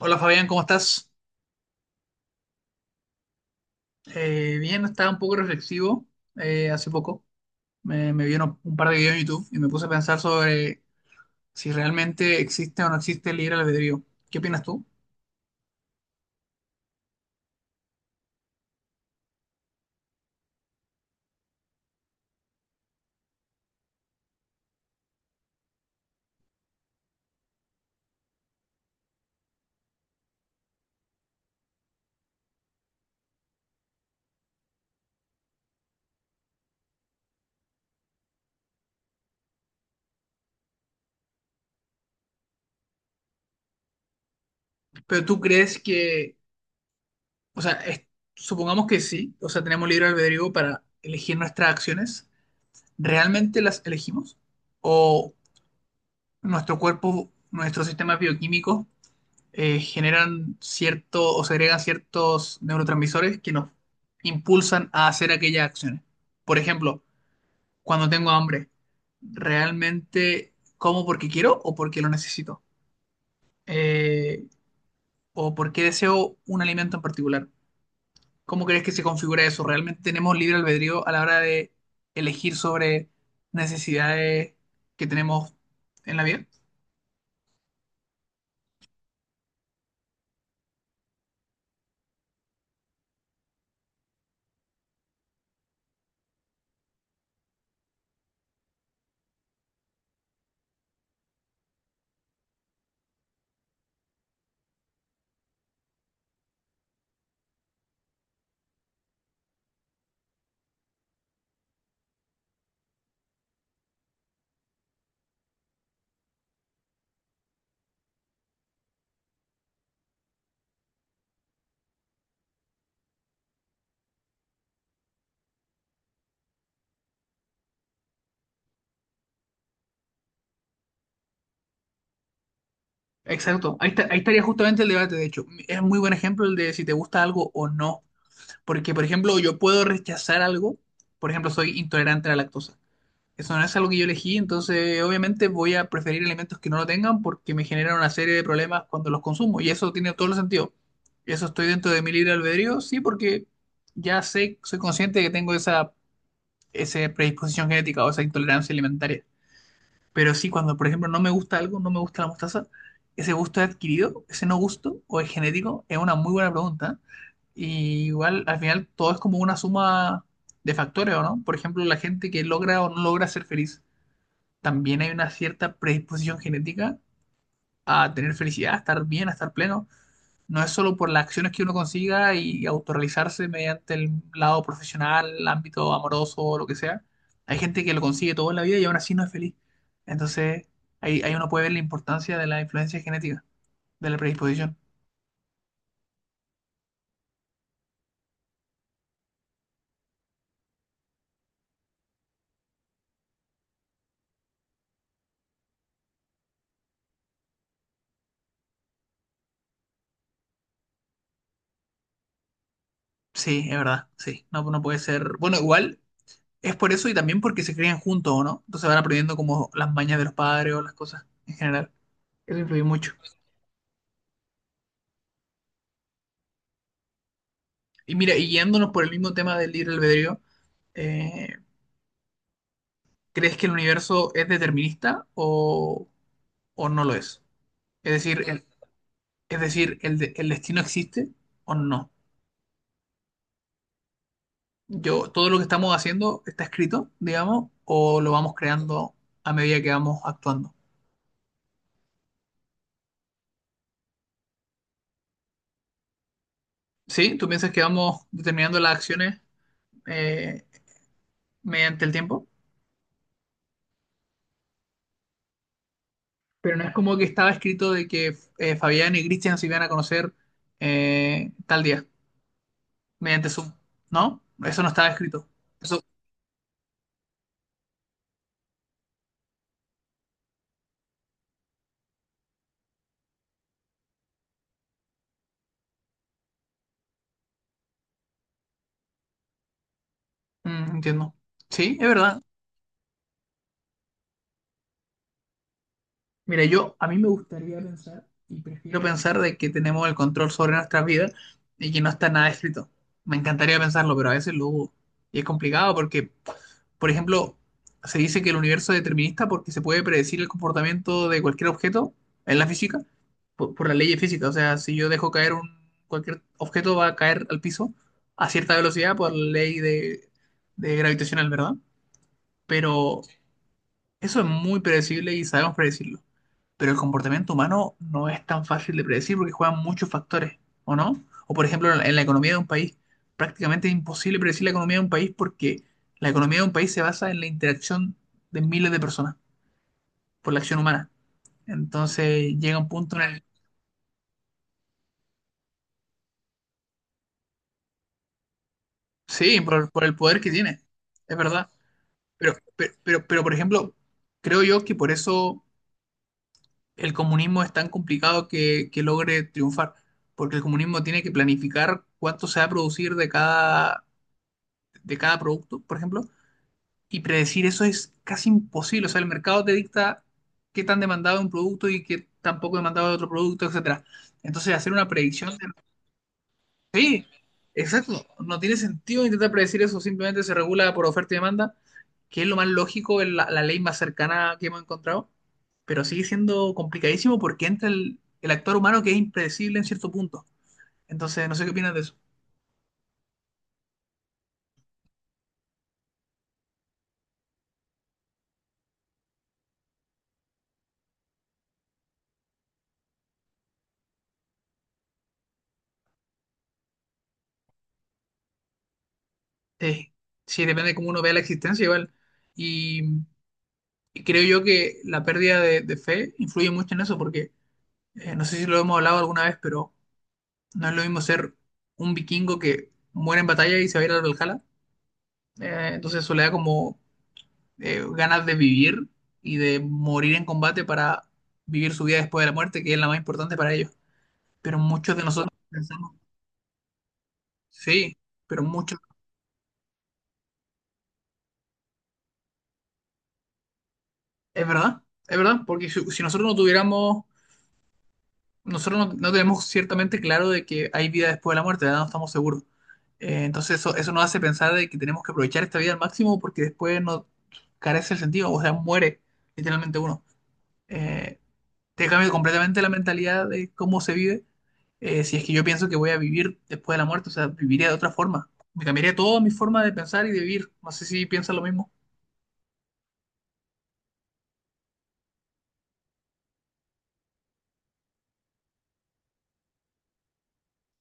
Hola Fabián, ¿cómo estás? Bien, estaba un poco reflexivo hace poco. Me vieron un par de videos en YouTube y me puse a pensar sobre si realmente existe o no existe el libre albedrío. ¿Qué opinas tú? Pero tú crees que, o sea, supongamos que sí, o sea, tenemos libre albedrío para elegir nuestras acciones. ¿Realmente las elegimos? ¿O nuestro cuerpo, nuestros sistemas bioquímicos generan cierto o segregan ciertos neurotransmisores que nos impulsan a hacer aquellas acciones? Por ejemplo, cuando tengo hambre, ¿realmente como porque quiero o porque lo necesito? Eh, ¿O porque deseo un alimento en particular? ¿Cómo crees que se configura eso? ¿Realmente tenemos libre albedrío a la hora de elegir sobre necesidades que tenemos en la vida? Exacto, ahí estaría justamente el debate, de hecho. Es muy buen ejemplo el de si te gusta algo o no. Porque, por ejemplo, yo puedo rechazar algo. Por ejemplo, soy intolerante a la lactosa. Eso no es algo que yo elegí, entonces obviamente voy a preferir alimentos que no lo tengan porque me generan una serie de problemas cuando los consumo. Y eso tiene todo el sentido. ¿Eso estoy dentro de mi libre albedrío? Sí, porque ya sé, soy consciente de que tengo esa predisposición genética o esa intolerancia alimentaria. Pero sí, cuando, por ejemplo, no me gusta algo, no me gusta la mostaza, ¿ese gusto es adquirido? ¿Ese no gusto? ¿O es genético? Es una muy buena pregunta. Y igual, al final, todo es como una suma de factores, ¿o no? Por ejemplo, la gente que logra o no logra ser feliz, también hay una cierta predisposición genética a tener felicidad, a estar bien, a estar pleno. No es solo por las acciones que uno consiga y autorrealizarse mediante el lado profesional, el ámbito amoroso o lo que sea. Hay gente que lo consigue todo en la vida y aún así no es feliz. Entonces, ahí uno puede ver la importancia de la influencia genética, de la predisposición. Sí, es verdad, sí. No, no puede ser. Bueno, igual es por eso y también porque se crían juntos, ¿o no? Entonces van aprendiendo como las mañas de los padres o las cosas en general. Eso influye mucho. Y mira, y guiándonos por el mismo tema del libre albedrío, eh, ¿crees que el universo es determinista o no lo es? Es decir, el, es decir, el destino existe o no. Yo, todo lo que estamos haciendo está escrito, digamos, o lo vamos creando a medida que vamos actuando. ¿Sí? ¿Tú piensas que vamos determinando las acciones eh, mediante el tiempo? Pero no es como que estaba escrito de que Fabián y Cristian se iban a conocer tal día, mediante Zoom, ¿no? Eso no estaba escrito. Eso, entiendo. Sí, es verdad. Mira, yo a mí me gustaría pensar y prefiero pensar de que tenemos el control sobre nuestras vidas y que no está nada escrito. Me encantaría pensarlo, pero a veces lo dudo. Y es complicado porque, por ejemplo, se dice que el universo es determinista porque se puede predecir el comportamiento de cualquier objeto en la física por la ley de física. O sea, si yo dejo caer un cualquier objeto va a caer al piso a cierta velocidad por la ley de gravitacional, ¿verdad? Pero eso es muy predecible y sabemos predecirlo. Pero el comportamiento humano no es tan fácil de predecir porque juegan muchos factores, ¿o no? O por ejemplo, en la economía de un país, prácticamente es imposible predecir la economía de un país porque la economía de un país se basa en la interacción de miles de personas por la acción humana. Entonces llega un punto en el... Sí, por el poder que tiene, es verdad. Pero por ejemplo, creo yo que por eso el comunismo es tan complicado que logre triunfar, porque el comunismo tiene que planificar cuánto se va a producir de cada producto, por ejemplo, y predecir eso es casi imposible. O sea, el mercado te dicta qué tan demandado es un producto y qué tan poco demandado es otro producto, etcétera. Entonces, hacer una predicción de... Sí, exacto, no tiene sentido intentar predecir eso, simplemente se regula por oferta y demanda que es lo más lógico, es la ley más cercana que hemos encontrado, pero sigue siendo complicadísimo porque entra el actor humano que es impredecible en cierto punto. Entonces, no sé qué opinas de eso. Eh, sí, depende de cómo uno vea la existencia igual. Y, y creo yo que la pérdida de fe influye mucho en eso porque, no sé si lo hemos hablado alguna vez, pero no es lo mismo ser un vikingo que muere en batalla y se va a ir al Valhalla. Entonces eso le da como ganas de vivir y de morir en combate para vivir su vida después de la muerte, que es la más importante para ellos. Pero muchos de nosotros pensamos, sí, pero muchos, es verdad, es verdad, porque si, si nosotros no tuviéramos, nosotros no, no tenemos ciertamente claro de que hay vida después de la muerte, ¿verdad? No estamos seguros. Entonces eso nos hace pensar de que tenemos que aprovechar esta vida al máximo porque después no carece el sentido, o sea, muere literalmente uno. Eh, Te cambia completamente la mentalidad de cómo se vive. Eh, si es que yo pienso que voy a vivir después de la muerte, o sea, viviría de otra forma. Me cambiaría toda mi forma de pensar y de vivir. No sé si piensas lo mismo.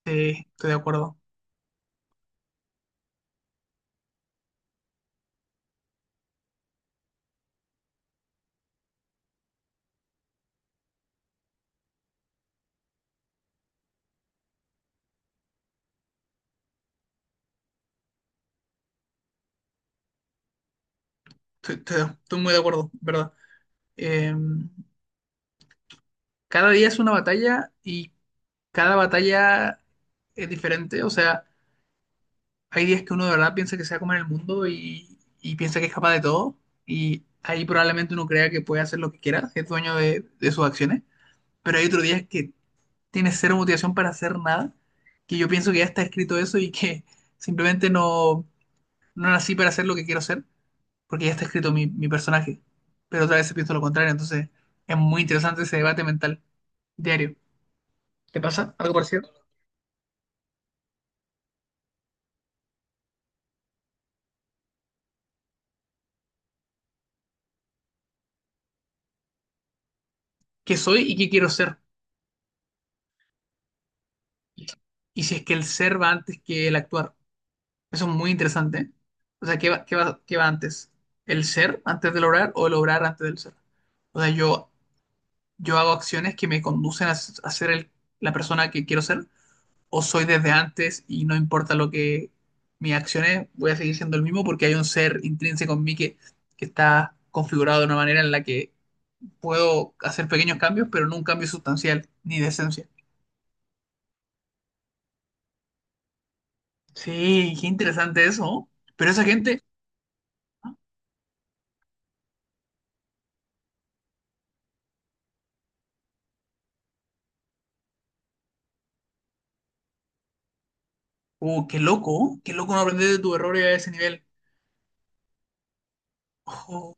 Estoy de acuerdo. Estoy muy de acuerdo, ¿verdad? Eh, Cada día es una batalla y cada batalla es diferente. O sea, hay días que uno de verdad piensa que se va a comer el mundo y piensa que es capaz de todo. Y ahí probablemente uno crea que puede hacer lo que quiera, que es dueño de sus acciones. Pero hay otros días que tiene cero motivación para hacer nada, que yo pienso que ya está escrito eso y que simplemente no, no nací para hacer lo que quiero hacer, porque ya está escrito mi personaje. Pero otra vez pienso lo contrario, entonces es muy interesante ese debate mental diario. ¿Te pasa algo parecido? ¿Qué soy y qué quiero ser? Y si es que el ser va antes que el actuar. Eso es muy interesante. ¿Eh? O sea, ¿qué va antes? ¿El ser antes de lograr o el lograr antes del ser? O sea, yo hago acciones que me conducen a, a ser la persona que quiero ser, o soy desde antes y no importa lo que mis acciones, voy a seguir siendo el mismo porque hay un ser intrínseco en mí que está configurado de una manera en la que puedo hacer pequeños cambios, pero no un cambio sustancial ni de esencia. Sí, qué interesante eso. ¿No? Pero esa gente, oh, qué loco no aprender de tus errores a ese nivel. Ojo.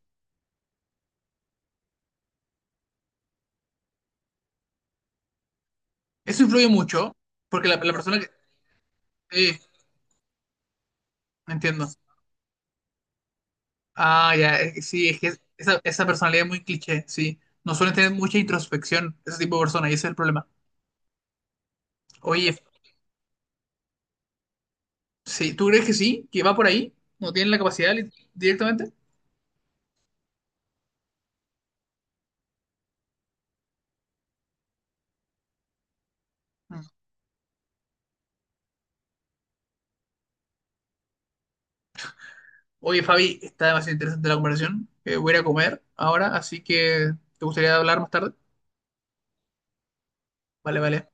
Eso influye mucho, porque la persona que... Sí, entiendo. Ah, ya, sí, es que esa personalidad es muy cliché, sí. No suelen tener mucha introspección ese tipo de personas y ese es el problema. Oye, sí, ¿tú crees que sí? ¿Que va por ahí? ¿No tienen la capacidad directamente? Mm. Oye, Fabi, está demasiado interesante la conversación. Voy a ir a comer ahora, así que ¿te gustaría hablar más tarde? Vale, vale.